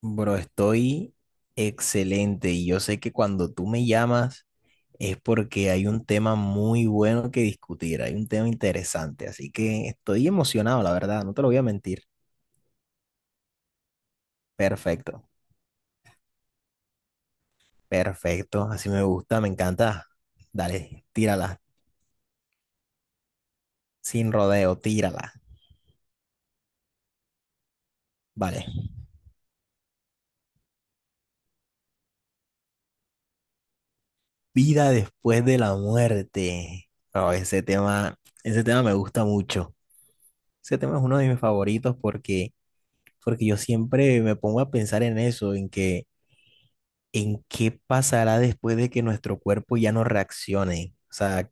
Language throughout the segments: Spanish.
Bro, estoy excelente y yo sé que cuando tú me llamas es porque hay un tema muy bueno que discutir, hay un tema interesante, así que estoy emocionado, la verdad, no te lo voy a mentir. Perfecto, perfecto, así me gusta, me encanta. Dale, tírala, sin rodeo, tírala. Vale, vida después de la muerte. Bro, ese tema me gusta mucho. Ese tema es uno de mis favoritos porque yo siempre me pongo a pensar en eso, en que ¿en qué pasará después de que nuestro cuerpo ya no reaccione? O sea,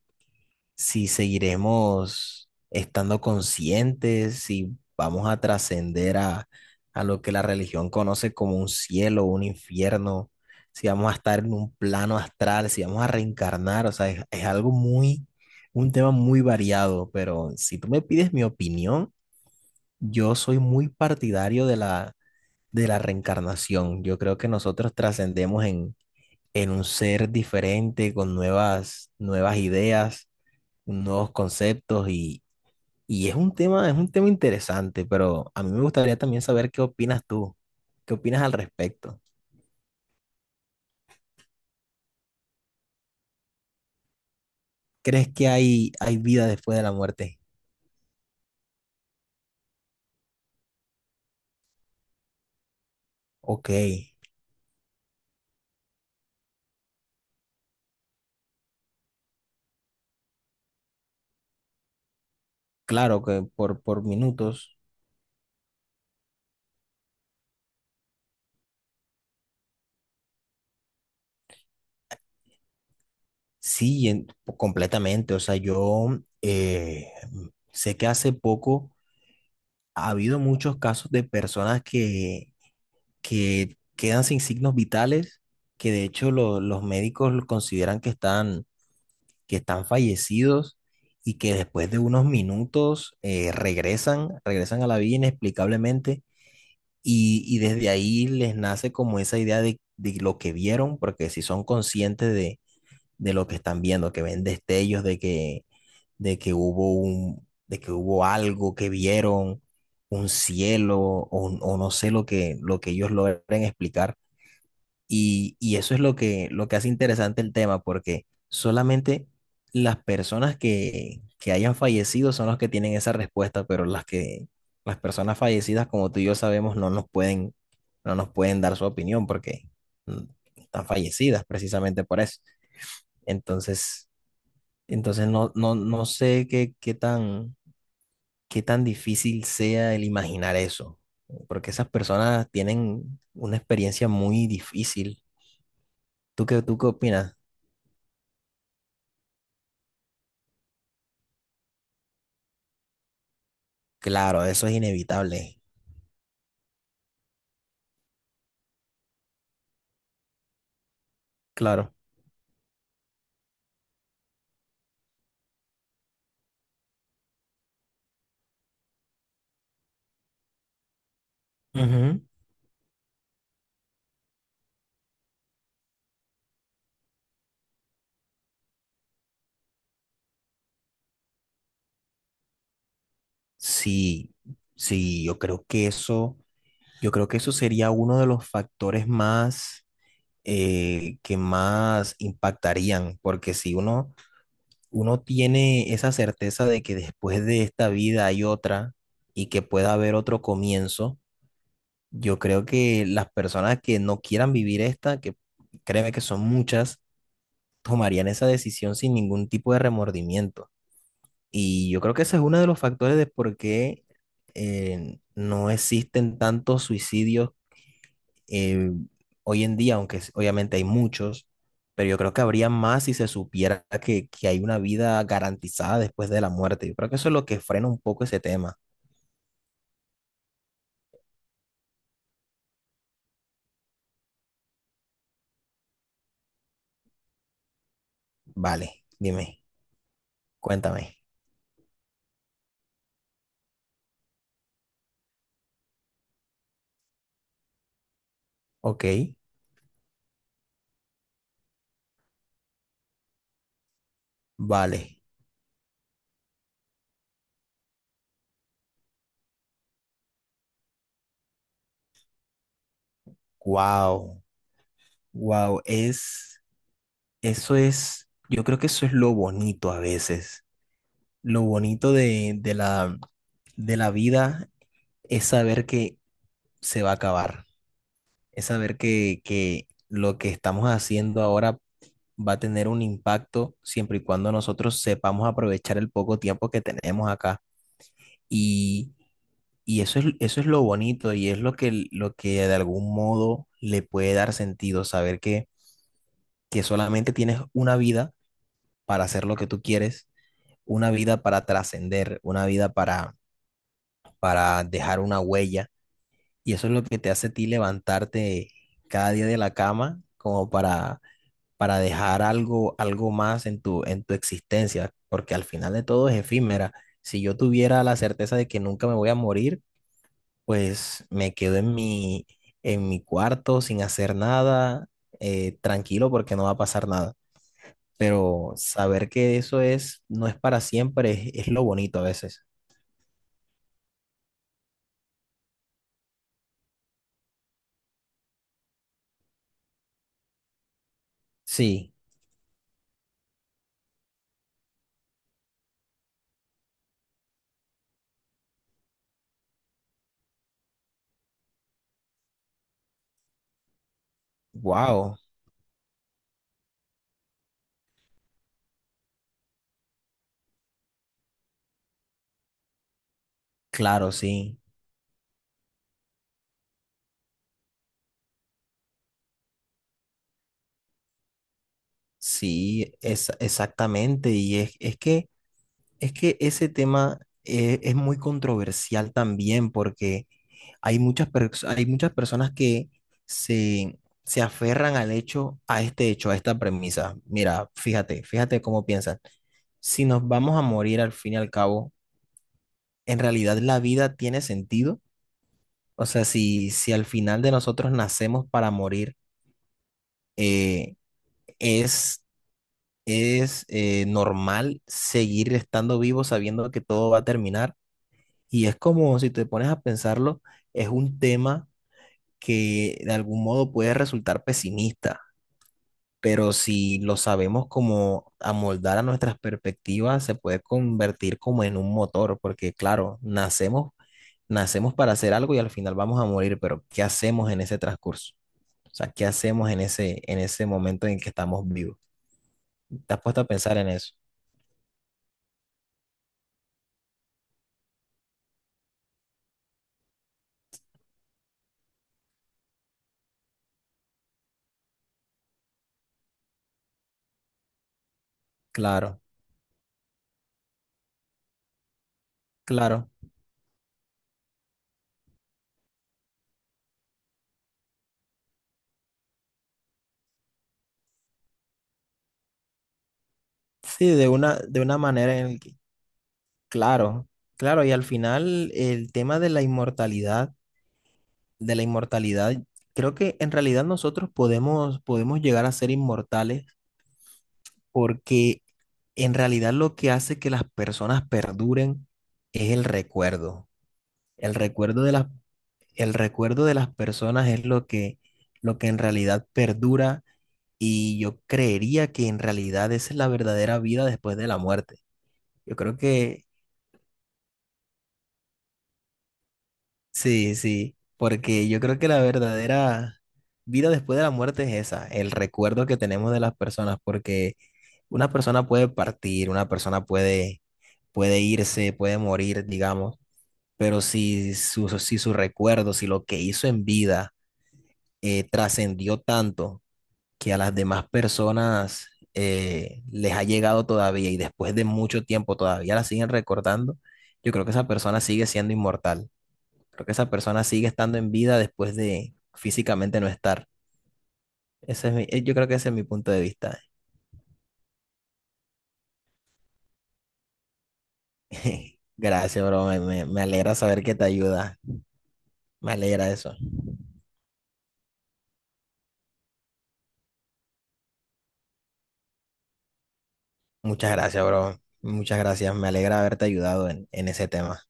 si seguiremos estando conscientes, si vamos a trascender a lo que la religión conoce como un cielo, un infierno, si vamos a estar en un plano astral, si vamos a reencarnar, o sea, es algo muy, un tema muy variado, pero si tú me pides mi opinión, yo soy muy partidario de de la reencarnación. Yo creo que nosotros trascendemos en un ser diferente, con nuevas ideas, nuevos conceptos y es un tema interesante, pero a mí me gustaría también saber qué opinas tú, qué opinas al respecto. ¿Crees que hay vida después de la muerte? Ok, claro que por minutos, sí, completamente. O sea, yo eh, sé que hace poco ha habido muchos casos de personas que quedan sin signos vitales, que de hecho los médicos lo consideran que están fallecidos y que después de unos minutos regresan a la vida inexplicablemente y desde ahí les nace como esa idea de lo que vieron, porque si son conscientes de lo que están viendo, que ven destellos de que hubo un, de que hubo algo que vieron. Un cielo o no sé lo que ellos logren explicar, y eso es lo que hace interesante el tema, porque solamente las personas que hayan fallecido son los que tienen esa respuesta, pero las personas fallecidas, como tú y yo sabemos, no nos pueden dar su opinión porque mm, están fallecidas precisamente por eso. Entonces, entonces, no, no, no sé qué tan difícil sea el imaginar eso, porque esas personas tienen una experiencia muy difícil. Tú qué opinas? Claro, eso es inevitable. Claro. Ujú. Sí, sí, yo creo que eso sería uno de los factores más que más impactarían, porque si uno tiene esa certeza de que después de esta vida hay otra y que pueda haber otro comienzo, yo creo que las personas que no quieran vivir esta, que créeme que son muchas, tomarían esa decisión sin ningún tipo de remordimiento. Y yo creo que ese es uno de los factores de por qué no existen tantos suicidios eh, hoy en día, aunque obviamente hay muchos, pero yo creo que habría más si se supiera que hay una vida garantizada después de la muerte. Yo creo que eso es lo que frena un poco ese tema. Vale, dime, cuéntame. Ok, vale. Wow, wow, es, yo creo que eso es lo bonito a veces, lo bonito de la vida es saber que se va a acabar, es saber que lo que estamos haciendo ahora va a tener un impacto siempre y cuando nosotros sepamos aprovechar el poco tiempo que tenemos acá. Y, y eso es lo bonito y es lo que de algún modo le puede dar sentido, saber que solamente tienes una vida para hacer lo que tú quieres, una vida para trascender, una vida para dejar una huella. Y eso es lo que te hace a ti levantarte cada día de la cama como para dejar algo, algo más en tu existencia, porque al final de todo es efímera. Si yo tuviera la certeza de que nunca me voy a morir, pues me quedo en mi cuarto sin hacer nada, tranquilo porque no va a pasar nada. Pero saber que no es para siempre, es lo bonito a veces. Sí, wow, claro, sí. Sí, es, exactamente. Es que ese tema es muy controversial también porque hay muchas personas que se, se aferran al hecho, a este hecho, a esta premisa. Mira, fíjate cómo piensan. Si nos vamos a morir al fin y al cabo, ¿en realidad la vida tiene sentido? O sea, si al final de nosotros nacemos para morir, eh, es normal seguir estando vivo sabiendo que todo va a terminar. Y es como, si te pones a pensarlo, es un tema que de algún modo puede resultar pesimista, pero si lo sabemos como amoldar a nuestras perspectivas, se puede convertir como en un motor, porque claro, nacemos para hacer algo y al final vamos a morir, pero ¿qué hacemos en ese transcurso? O sea, ¿qué hacemos en ese momento en que estamos vivos? ¿Te has puesto a pensar en eso? Claro, claro. Sí, de una manera en el que, claro, claro, y al final el tema de la inmortalidad, creo que en realidad nosotros podemos llegar a ser inmortales porque en realidad lo que hace que las personas perduren es el recuerdo. El recuerdo de las, el recuerdo de las personas es lo que en realidad perdura y yo creería que en realidad esa es la verdadera vida después de la muerte. Yo creo que sí, sí, porque yo creo que la verdadera vida después de la muerte es esa, el recuerdo que tenemos de las personas, porque una persona puede partir, una persona puede irse, puede morir, digamos, pero si su recuerdo, si lo que hizo en vida trascendió tanto que a las demás personas les ha llegado todavía y después de mucho tiempo todavía la siguen recordando, yo creo que esa persona sigue siendo inmortal. Creo que esa persona sigue estando en vida después de físicamente no estar. Ese es mi, yo creo que ese es mi punto de vista. Gracias, bro. Me alegra saber que te ayuda. Me alegra eso. Muchas gracias, bro. Muchas gracias. Me alegra haberte ayudado en ese tema.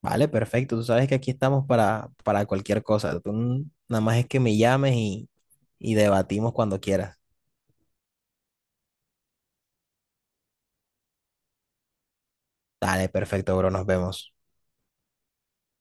Vale, perfecto. Tú sabes que aquí estamos para cualquier cosa. Tú nada más es que me llames y debatimos cuando quieras. Dale, perfecto, bro. Nos vemos.